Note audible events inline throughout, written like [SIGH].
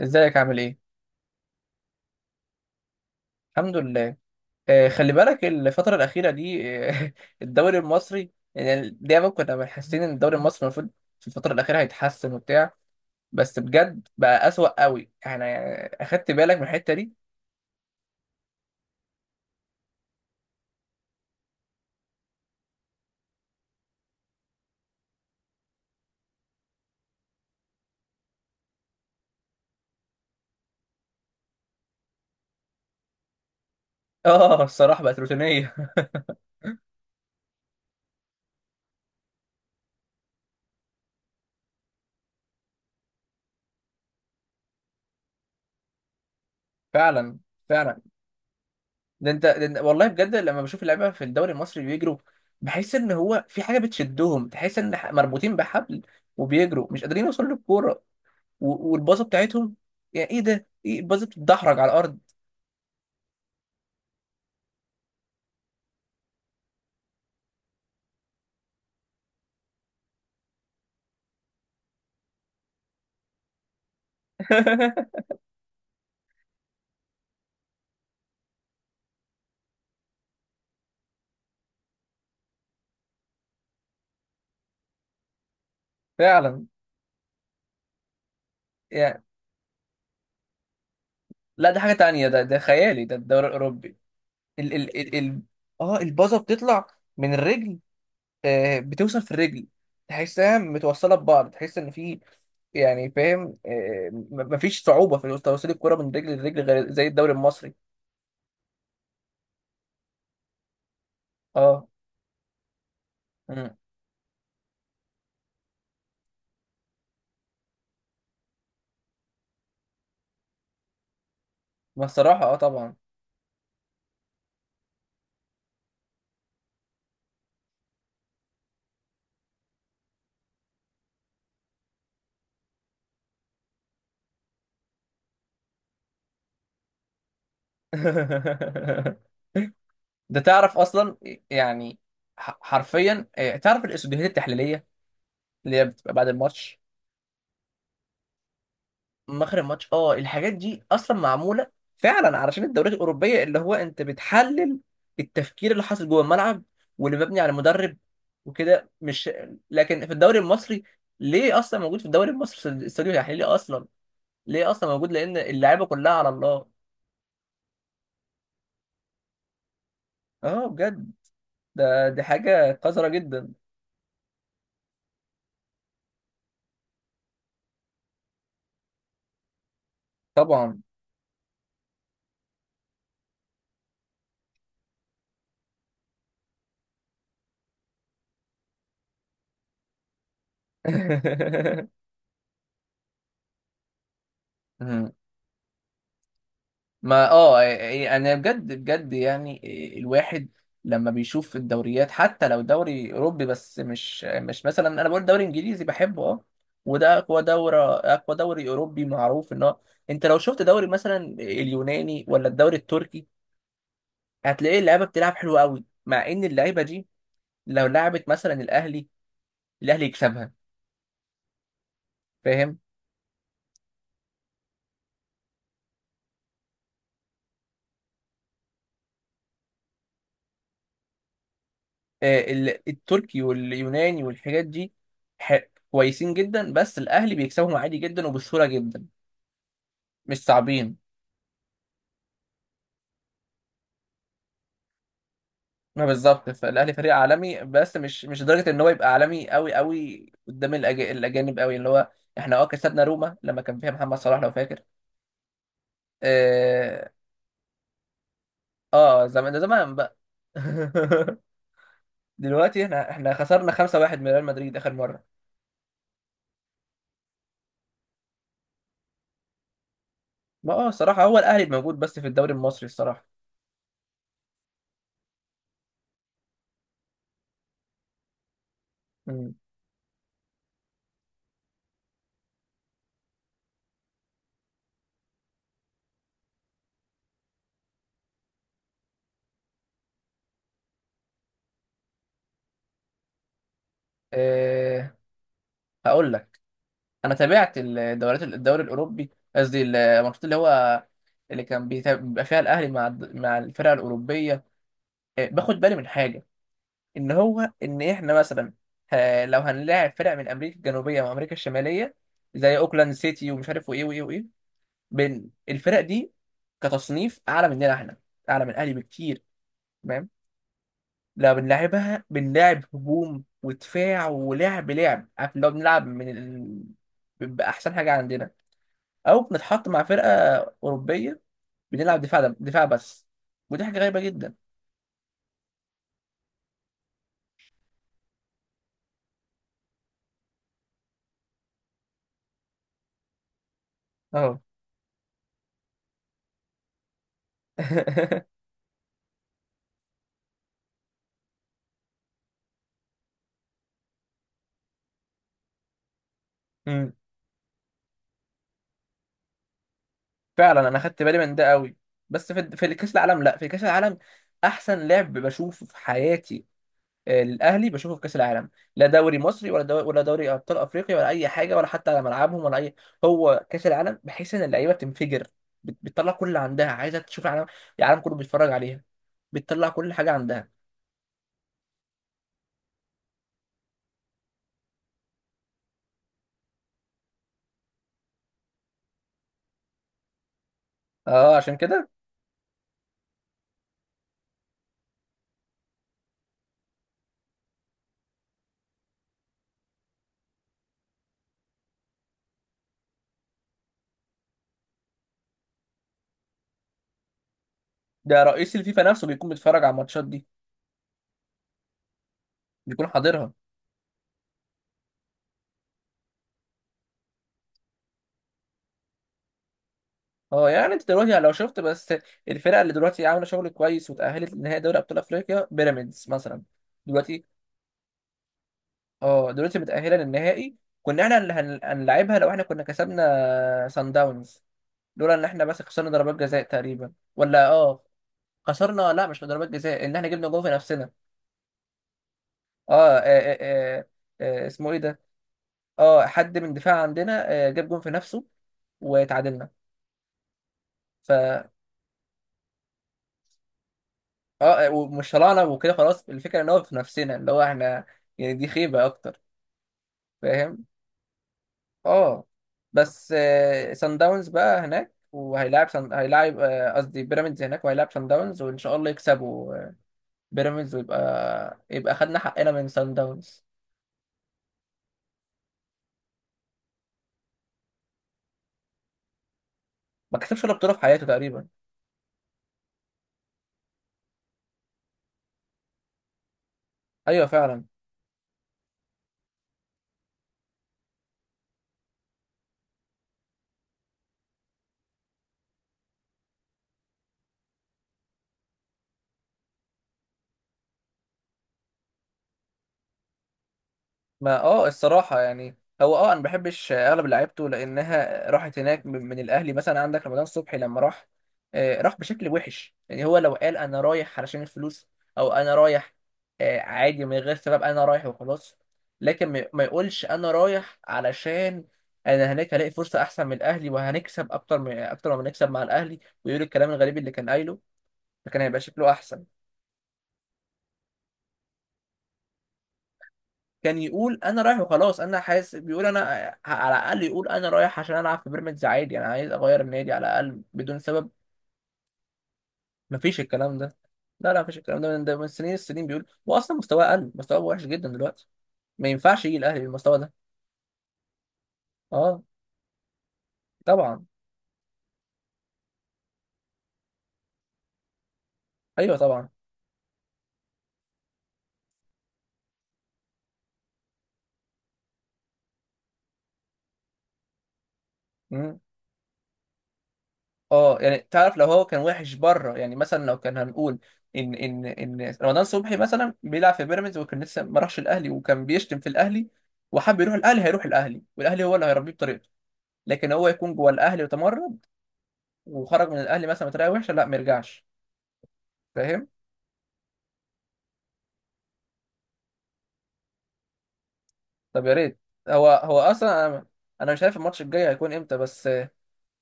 ازيك عامل ايه؟ الحمد لله. آه خلي بالك الفترة الأخيرة دي. آه [LAUGHS] الدوري المصري يعني دايما كنا حاسين إن الدوري المصري المفروض في الفترة الأخيرة هيتحسن وبتاع. بس بجد بقى أسوأ قوي. احنا يعني أخدت بالك من الحتة دي؟ [LAUGHS] آه الصراحة بقت روتينية. [LAUGHS] فعلا، فعلا. والله بجد لما بشوف اللعيبة في الدوري المصري بيجروا، بحس إن هو في حاجة بتشدهم. تحس إن مربوطين بحبل وبيجروا مش قادرين يوصلوا للكورة والباصة بتاعتهم. يعني إيه ده؟ إيه الباصة بتتدحرج على الأرض. [LAUGHS] فعلا. يعني لا، ده حاجة تانية، ده خيالي ده الدوري الأوروبي. ال اه البازة بتطلع من الرجل، آه بتوصل في الرجل، تحسها متوصلة ببعض. تحس إن في، يعني فاهم، آه مفيش صعوبة في توصيل الكرة من رجل لرجل غير زي الدوري المصري. اه. مم. ما الصراحة اه طبعا. [LAUGHS] ده تعرف أصلا، يعني حرفيا آه تعرف الإسوديهات التحليلية اللي هي بتبقى بعد الماتش، مخرج ماتش اه. الحاجات دي اصلا معموله فعلا علشان الدوريات الاوروبيه، اللي هو انت بتحلل التفكير اللي حاصل جوه الملعب واللي مبني على مدرب وكده، مش لكن في الدوري المصري. ليه اصلا موجود في الدوري المصري استوديو تحليلي اصلا؟ ليه اصلا موجود؟ لان اللعيبه كلها على الله. اه بجد، ده دي حاجه قذره جدا. طبعا. [LAUGHS] ما اه إيه، إيه، يعني انا بجد يعني إيه، الواحد لما بيشوف الدوريات حتى لو دوري اوروبي، بس مش مثلا انا بقول دوري انجليزي بحبه اه. وده اقوى دوري، اقوى دوري اوروبي، معروف ان هو انت لو شفت دوري مثلا اليوناني ولا الدوري التركي هتلاقي اللعيبه بتلعب حلو قوي. مع ان اللعيبه دي لو لعبت مثلا الاهلي، الاهلي يكسبها. فاهم؟ آه، ال- التركي واليوناني والحاجات دي. ح- كويسين جدا، بس الاهلي بيكسبهم عادي جدا وبسهوله جدا. مش صعبين. ما بالظبط، فالاهلي فريق عالمي بس مش لدرجه ان هو يبقى عالمي قوي قوي قدام الاجانب قوي اللي هو احنا اه كسبنا روما لما كان فيها محمد صلاح لو فاكر. اه، آه زمان، ده زمان بقى. [LAUGHS] دلوقتي احنا خسرنا 5-1 من ريال مدريد اخر مره. ما اه الصراحه هو الاهلي موجود بس في الدوري المصري الصراحه. مم. اه. هقول لك، انا تابعت الدوريات، الدوري الاوروبي، قصدي الماتشات اللي هو اللي بيبقى فيها الاهلي مع مع الفرق الاوروبيه. آه، باخد بالي من حاجه، ان هو ان احنا مثلا، آه، لو هنلاعب فرق من امريكا الجنوبيه وامريكا الشماليه زي اوكلاند سيتي ومش عارف وايه وايه وايه، بين الفرق دي كتصنيف اعلى مننا احنا، اعلى من الاهلي بكتير، تمام؟ لو بنلعبها بنلعب هجوم ودفاع ولعب عارف، لو بنلعب من ال... باحسن حاجه عندنا، او بنتحط مع فرقه اوروبيه بنلعب دفاع بس، ودي حاجه غريبه جدا. اه. [LAUGHS] فعلا، انا خدت بالي من ده قوي. بس في كاس العالم، لا في كاس العالم احسن لعب بشوفه في حياتي. آه، الاهلي بشوفه في كاس العالم، لا دوري مصري ولا دوري ولا دوري ابطال افريقيا ولا اي حاجه، ولا حتى على ملعبهم ولا اي. هو كاس العالم بحيث ان اللعيبه بتنفجر، بتطلع كل اللي عندها، عايزه تشوف العالم، العالم كله بيتفرج عليها، بتطلع كل حاجه عندها. اه عشان كده. ده رئيس الفيفا نفسه بيكون بيتفرج على الماتشات دي، بيكون حاضرها. اه يعني انت دلوقتي يعني لو شفت بس الفرقه اللي دلوقتي عامله شغل كويس وتاهلت لنهائي دوري ابطال افريقيا، بيراميدز مثلا، دلوقتي، اه دلوقتي متاهله للنهائي. كنا احنا اللي هنلعبها لو احنا كسبنا سان داونز، لولا ان احنا بس خسرنا ضربات جزاء تقريبا، ولا اه خسرنا، لا مش ضربات جزاء، ان احنا جبنا جول في نفسنا. آه، آه اسمه ايه ده. اه حد من دفاع عندنا آه جاب جول في نفسه وتعادلنا. ف اه ومش طلعنا وكده خلاص. الفكره ان هو في نفسنا، اللي هو احنا، يعني دي خيبه اكتر. فاهم؟ اه. بس سان داونز بقى هناك، هيلاعب آه، قصدي بيراميدز هناك وهيلاعب سان داونز، وان شاء الله يكسبوا آه، بيراميدز ويبقى خدنا حقنا من سان داونز. ما كسبش ولا بطوله في حياته تقريبا. ايوه فعلا. ما اه الصراحة يعني، هو اه انا ما بحبش اغلب لعيبته لانها راحت هناك من الاهلي. مثلا عندك رمضان صبحي لما راح، آه، راح بشكل وحش. يعني هو لو قال انا رايح علشان الفلوس، او انا رايح آه، عادي من غير سبب، انا رايح وخلاص. لكن ما يقولش انا رايح علشان انا هناك هلاقي فرصة احسن من الاهلي وهنكسب اكتر من اكتر ما بنكسب مع الاهلي، ويقول الكلام الغريب اللي كان قايله. فكان هيبقى شكله احسن. كان يقول انا رايح وخلاص، انا حاسس بيقول انا، على الاقل يقول انا رايح عشان العب في بيراميدز عادي، انا عايز اغير النادي على الاقل بدون سبب. مفيش الكلام ده، لا لا مفيش الكلام ده من ده، من سنين السنين بيقول، واصلا مستواه قل، مستواه وحش جدا دلوقتي. ما ينفعش يجي الاهلي بالمستوى ده. اه طبعا. ايوه طبعا. مم. اه يعني تعرف لو هو كان وحش بره، يعني مثلا لو كان هنقول ان رمضان صبحي مثلا بيلعب في بيراميدز وكان لسه ما راحش الاهلي وكان بيشتم في الاهلي وحب يروح الاهلي، هيروح الاهلي والاهلي هو اللي هيربيه بطريقته. لكن هو يكون جوه الاهلي وتمرد وخرج من الاهلي مثلا بطريقه وحشه، لا ما يرجعش. فاهم؟ طب يا ريت. هو هو اصلا انا انا مش عارف الماتش الجاي هيكون امتى، بس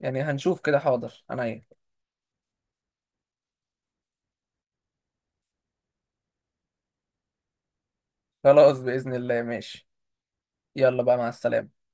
يعني هنشوف كده حاضر انا ايه. خلاص باذن الله ماشي. يلا بقى مع السلامه.